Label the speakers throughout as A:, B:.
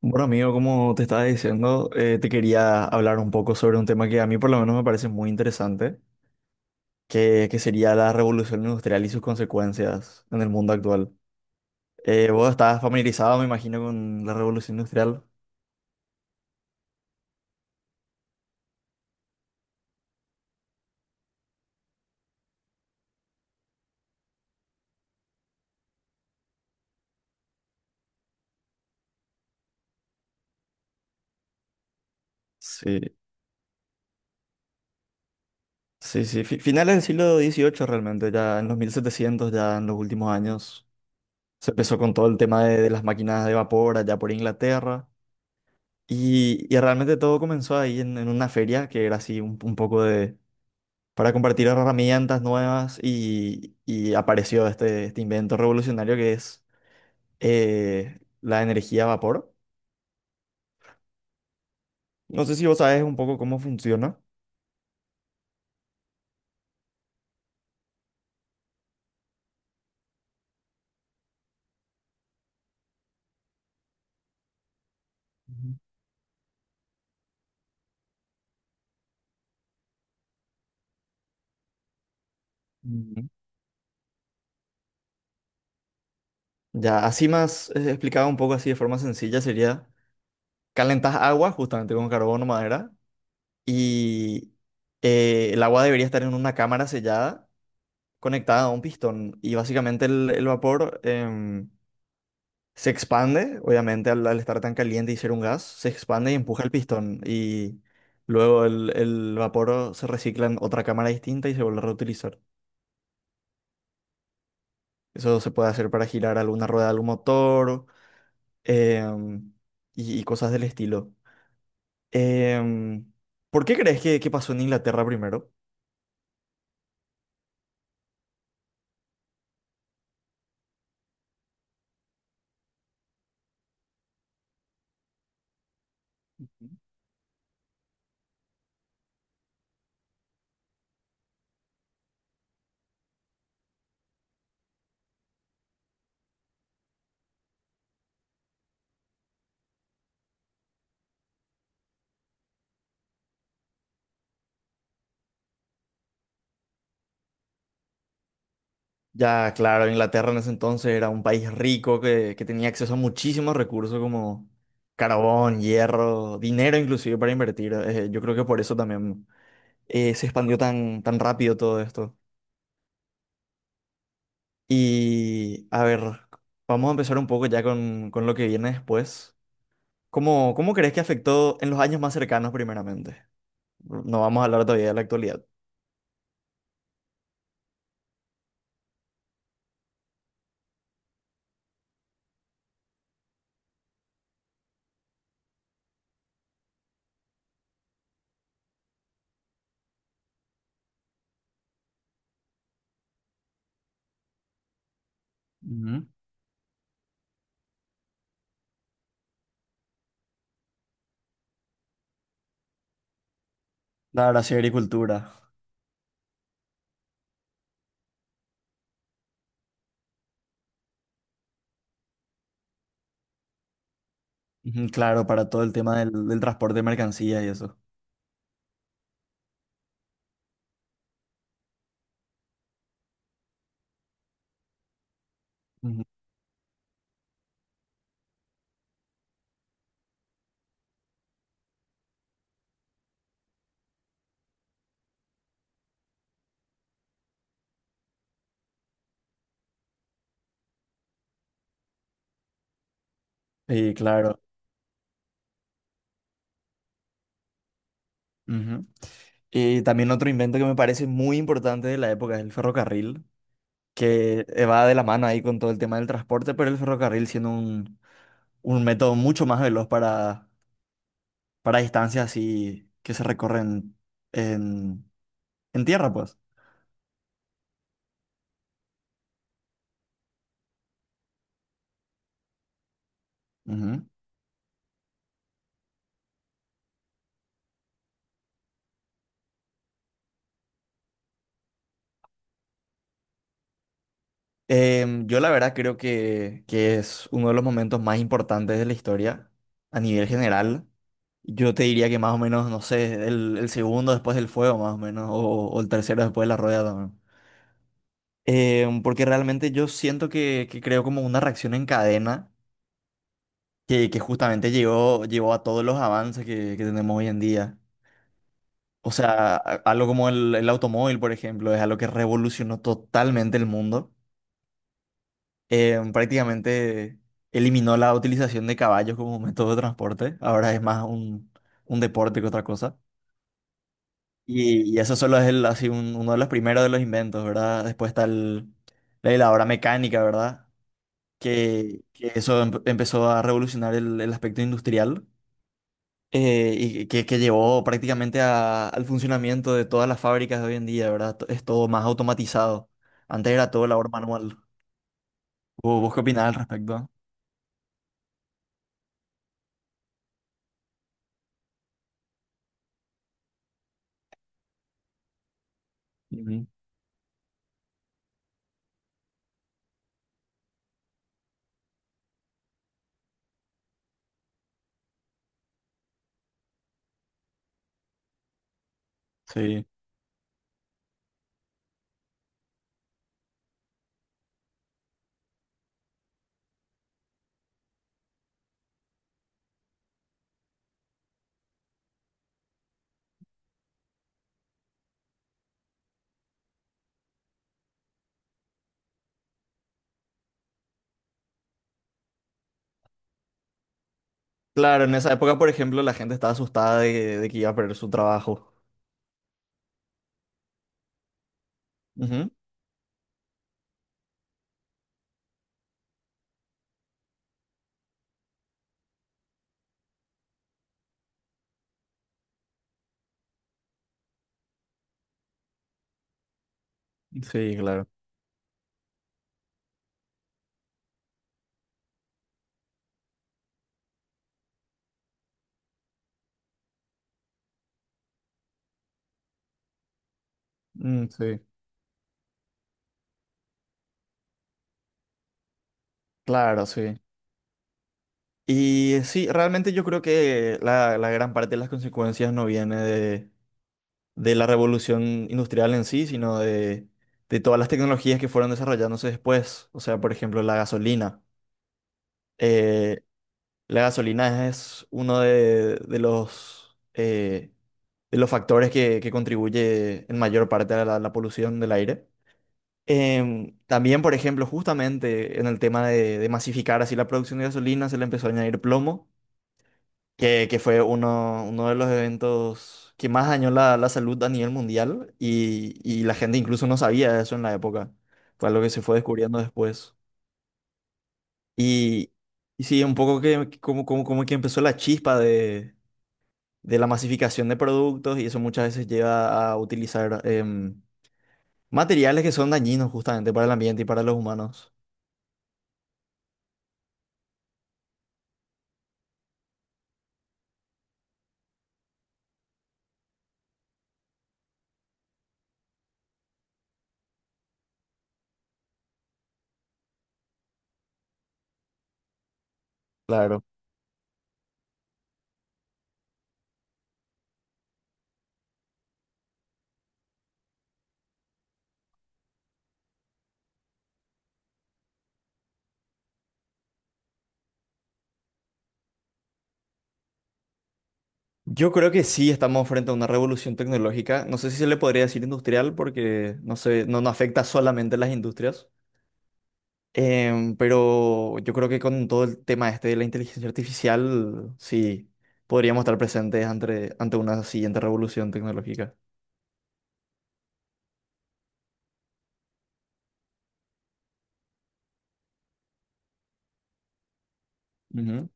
A: Bueno, amigo, como te estaba diciendo, te quería hablar un poco sobre un tema que a mí por lo menos me parece muy interesante, que sería la revolución industrial y sus consecuencias en el mundo actual. Vos estás familiarizado, me imagino, con la revolución industrial. Sí, sí, sí. Finales del siglo XVIII realmente, ya en los 1700, ya en los últimos años, se empezó con todo el tema de las máquinas de vapor allá por Inglaterra. Y realmente todo comenzó ahí en una feria que era así un poco de para compartir herramientas nuevas y apareció este invento revolucionario que es la energía a vapor. No sé si vos sabes un poco cómo funciona. Ujú. Mm. Ya, así más explicado un poco así de forma sencilla sería calentas agua justamente con carbono madera y el agua debería estar en una cámara sellada conectada a un pistón y básicamente el vapor se expande, obviamente, al estar tan caliente y ser un gas, se expande y empuja el pistón. Y luego el vapor se recicla en otra cámara distinta y se vuelve a reutilizar. Eso se puede hacer para girar alguna rueda de algún motor em, y cosas del estilo. Em, ¿Por qué crees que pasó en Inglaterra primero? Ya, claro, Inglaterra en ese entonces era un país rico que tenía acceso a muchísimos recursos como carbón, hierro, dinero inclusive para invertir. Yo creo que por eso también. Se expandió tan rápido todo esto. Y a ver, vamos a empezar un poco ya con lo que viene después. ¿Cómo crees que afectó en los años más cercanos primeramente? No vamos a hablar todavía de la actualidad. Ujú. La gracia de agricultura. Ujú, claro, para todo el tema del transporte de mercancías y eso. Ujú. Sí, claro. Ujú. Y también otro invento que me parece muy importante de la época es el ferrocarril, que va de la mano ahí con todo el tema del transporte, pero el ferrocarril siendo un método mucho más veloz para distancias así que se recorren en, en tierra, pues. Ujú. Yo la verdad creo que es uno de los momentos más importantes de la historia a nivel general. Yo te diría que más o menos, no sé, el segundo después del fuego, más o menos, o el tercero después de la rueda también. Porque realmente yo siento que creo como una reacción en cadena que justamente llevó a todos los avances que tenemos hoy en día. O sea, algo como el automóvil, por ejemplo, es algo que revolucionó totalmente el mundo. Prácticamente eliminó la utilización de caballos como método de transporte. Ahora es más un deporte que otra cosa. Y eso solo es así uno de los primeros de los inventos, ¿verdad? Después está la heladora mecánica, ¿verdad? Que eso empezó a revolucionar el aspecto industrial. Y que llevó prácticamente al funcionamiento de todas las fábricas de hoy en día, ¿verdad? Es todo más automatizado. Antes era todo labor manual. ¿Vos qué opinás al respecto? Ujú. Sí. Claro, en esa época, por ejemplo, la gente estaba asustada de que iba a perder su trabajo. Ujú. Sí, claro. Mm, sí. Claro, sí. Y sí, realmente yo creo que la gran parte de las consecuencias no viene de la revolución industrial en sí, sino de todas las tecnologías que fueron desarrollándose después. O sea, por ejemplo, la gasolina. Eh, la gasolina es uno de los factores que contribuye en mayor parte a la polución del aire. También, por ejemplo, justamente en el tema de masificar así la producción de gasolina, se le empezó a añadir plomo que fue uno de los eventos que más dañó la salud a nivel mundial y la gente incluso no sabía eso en la época. Fue algo que se fue descubriendo después. Y, y sí, un poco que como, como que empezó la chispa de la masificación de productos y eso muchas veces lleva a utilizar materiales que son dañinos justamente para el ambiente y para los humanos. Claro. Yo creo que sí estamos frente a una revolución tecnológica. No sé si se le podría decir industrial porque no sé, no afecta solamente a las industrias. Pero yo creo que con todo el tema este de la inteligencia artificial, sí, podríamos estar presentes ante una siguiente revolución tecnológica. Ujú.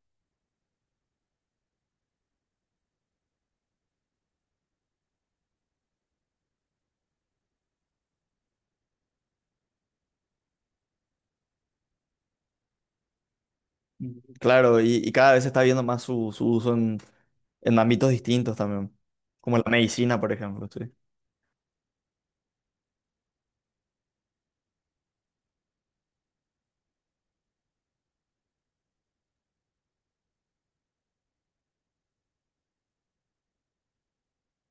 A: Mm. Claro, y cada vez se está viendo más su uso en ámbitos distintos también, como la medicina, por ejemplo. Sí.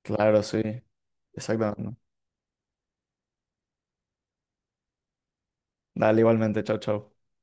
A: Claro, sí, exactamente. Dale, igualmente, chao, chao.